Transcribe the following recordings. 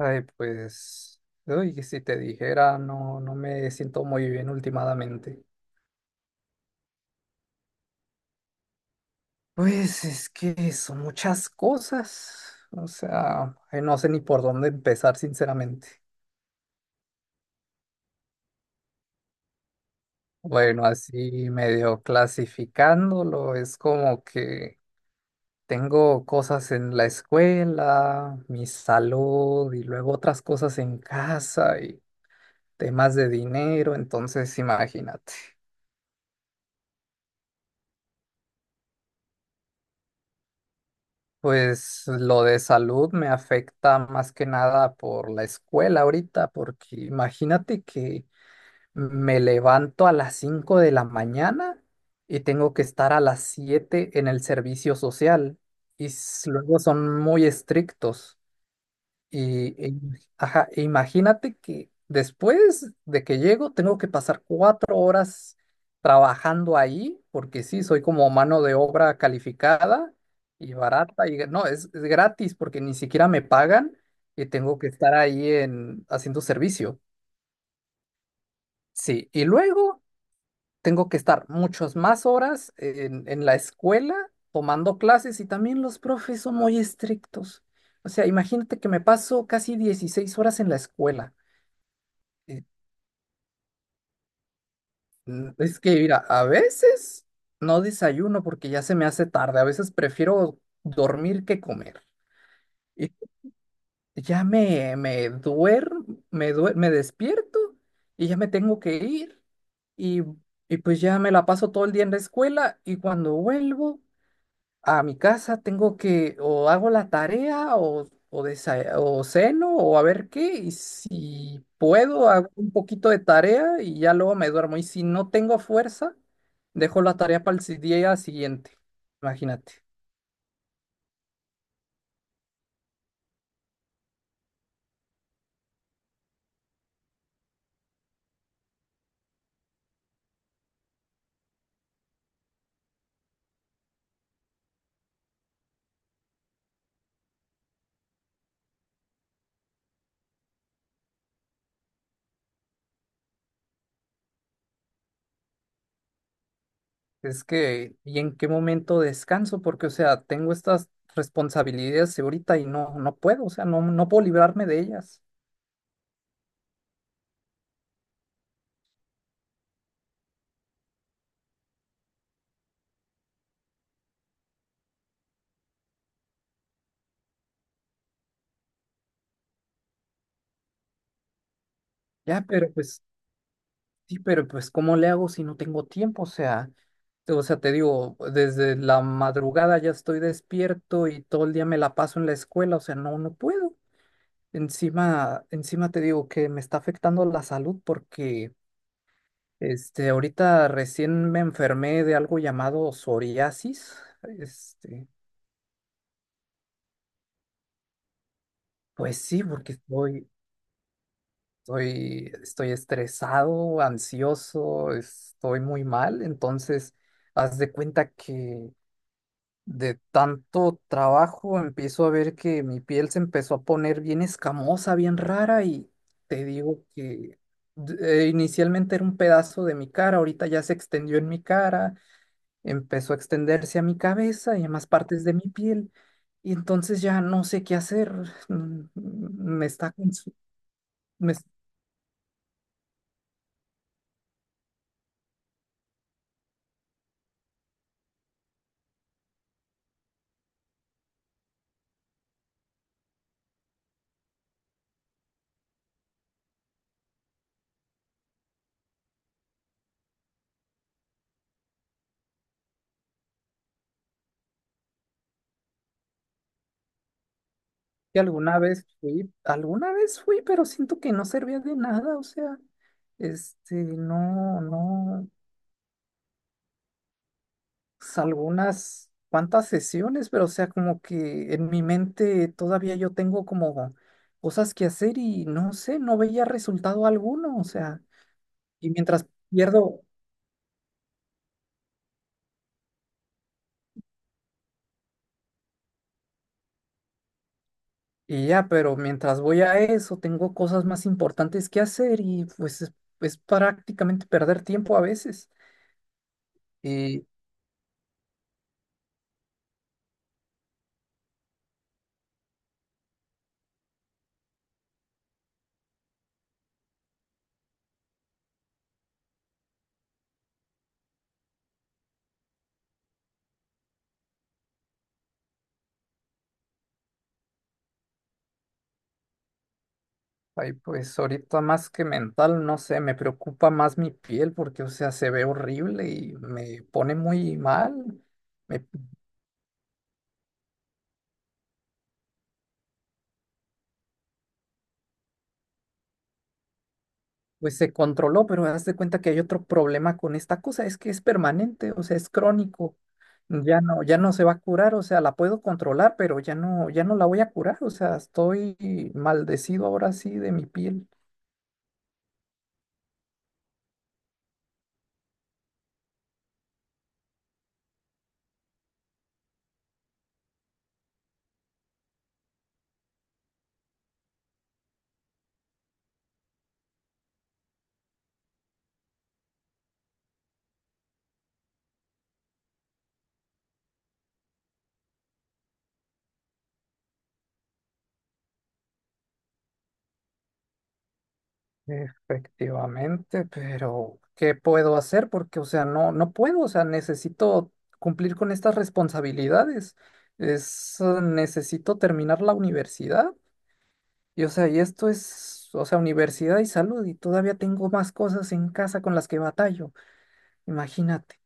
Ay, pues, uy, que si te dijera, no, no me siento muy bien últimamente. Pues es que son muchas cosas, o sea, ay, no sé ni por dónde empezar, sinceramente. Bueno, así medio clasificándolo, es como que tengo cosas en la escuela, mi salud y luego otras cosas en casa y temas de dinero, entonces imagínate. Pues lo de salud me afecta más que nada por la escuela ahorita, porque imagínate que me levanto a las 5 de la mañana y tengo que estar a las 7 en el servicio social y luego son muy estrictos. Y, e- ajá, e imagínate que después de que llego tengo que pasar 4 horas trabajando ahí, porque sí, soy como mano de obra calificada y barata, y no, es gratis porque ni siquiera me pagan y tengo que estar ahí haciendo servicio. Sí, y luego tengo que estar muchas más horas en la escuela tomando clases y también los profes son muy estrictos. O sea, imagínate que me paso casi 16 horas en la escuela. Eh, Es que, mira, a veces no desayuno porque ya se me hace tarde. A veces prefiero dormir que comer. Y ya me duermo, me despierto y ya me tengo que ir. Y, y pues ya me la paso todo el día en la escuela y cuando vuelvo, a mi casa, tengo que o hago la tarea o ceno o a ver qué, y si puedo, hago un poquito de tarea y ya luego me duermo. Y si no tengo fuerza, dejo la tarea para el día siguiente. Imagínate. Es que, ¿y en qué momento descanso? Porque, o sea, tengo estas responsabilidades ahorita y no, no puedo, o sea, no, no puedo librarme de ellas. Ya, pero pues Sí, pero pues ¿cómo le hago si no tengo tiempo? O sea, o sea, te digo, desde la madrugada ya estoy despierto y todo el día me la paso en la escuela, o sea, no, no puedo. Encima, encima te digo que me está afectando la salud porque este, ahorita recién me enfermé de algo llamado psoriasis. Este, pues sí, porque estoy estresado, ansioso, estoy muy mal, entonces haz de cuenta que de tanto trabajo empiezo a ver que mi piel se empezó a poner bien escamosa, bien rara y te digo que inicialmente era un pedazo de mi cara, ahorita ya se extendió en mi cara, empezó a extenderse a mi cabeza y a más partes de mi piel y entonces ya no sé qué hacer. Mm, mm, Me está consu- me es- Que alguna vez fui, pero siento que no servía de nada, o sea, este, no, no. Pues, algunas cuantas sesiones, pero o sea, como que en mi mente todavía yo tengo como cosas que hacer y no sé, no veía resultado alguno, o sea, y mientras pierdo, y ya, pero mientras voy a eso, tengo cosas más importantes que hacer y pues es prácticamente perder tiempo a veces. Y ay, pues ahorita más que mental, no sé, me preocupa más mi piel porque, o sea, se ve horrible y me pone muy mal. Me Pues se controló, pero haz de cuenta que hay otro problema con esta cosa, es que es permanente, o sea, es crónico. Ya no, ya no se va a curar, o sea, la puedo controlar, pero ya no, ya no la voy a curar, o sea, estoy maldecido ahora sí de mi piel. Efectivamente, pero ¿qué puedo hacer? Porque, o sea, no, no puedo, o sea, necesito cumplir con estas responsabilidades. Necesito terminar la universidad. O sea, y esto es, o sea, universidad y salud, y todavía tengo más cosas en casa con las que batallo. Imagínate.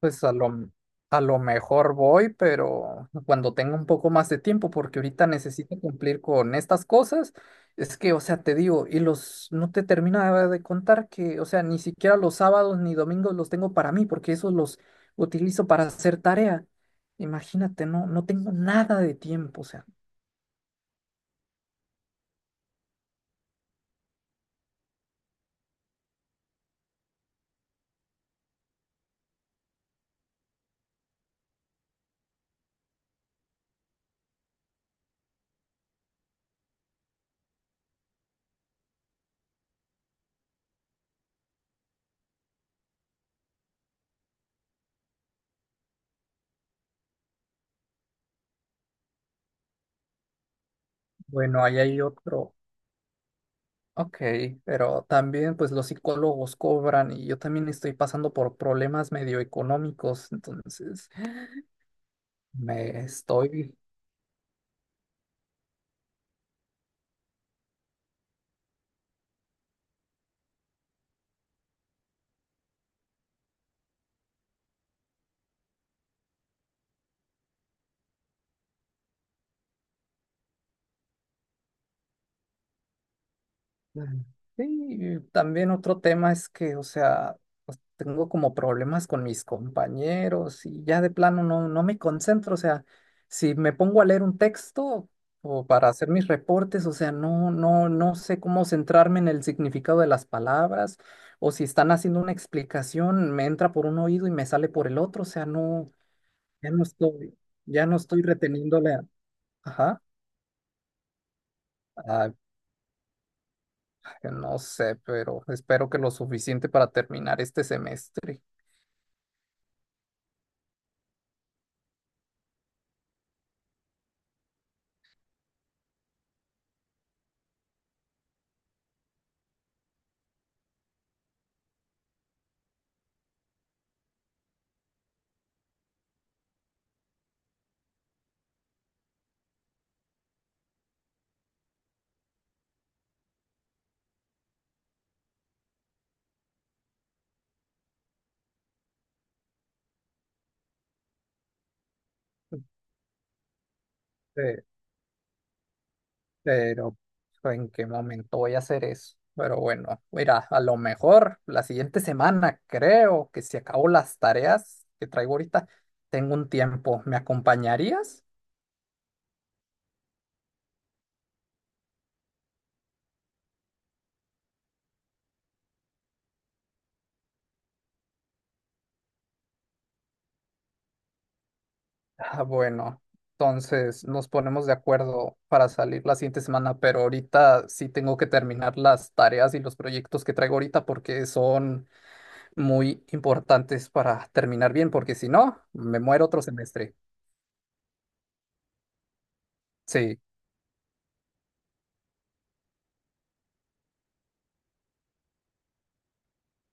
Pues a lo mejor voy, pero cuando tenga un poco más de tiempo, porque ahorita necesito cumplir con estas cosas. Es que, o sea, te digo, y los, no te terminaba de contar que, o sea, ni siquiera los sábados ni domingos los tengo para mí, porque esos los utilizo para hacer tarea. Imagínate, no, no tengo nada de tiempo, o sea. Bueno, ahí hay otro. Ok, pero también pues los psicólogos cobran y yo también estoy pasando por problemas medio económicos, entonces me estoy sí, también otro tema es que, o sea, pues, tengo como problemas con mis compañeros y ya de plano no, no me concentro, o sea, si me pongo a leer un texto o para hacer mis reportes, o sea, no, no, no sé cómo centrarme en el significado de las palabras o si están haciendo una explicación, me entra por un oído y me sale por el otro, o sea, no, ya no estoy, ya no estoy reteniéndole, ajá, ah, que no sé, pero espero que lo suficiente para terminar este semestre. Pe- Pero ¿en qué momento voy a hacer eso? Pero bueno, mira, a lo mejor la siguiente semana creo que si acabo las tareas que traigo ahorita, tengo un tiempo. ¿Me acompañarías? Ah, bueno, entonces nos ponemos de acuerdo para salir la siguiente semana, pero ahorita sí tengo que terminar las tareas y los proyectos que traigo ahorita porque son muy importantes para terminar bien, porque si no, me muero otro semestre. Sí.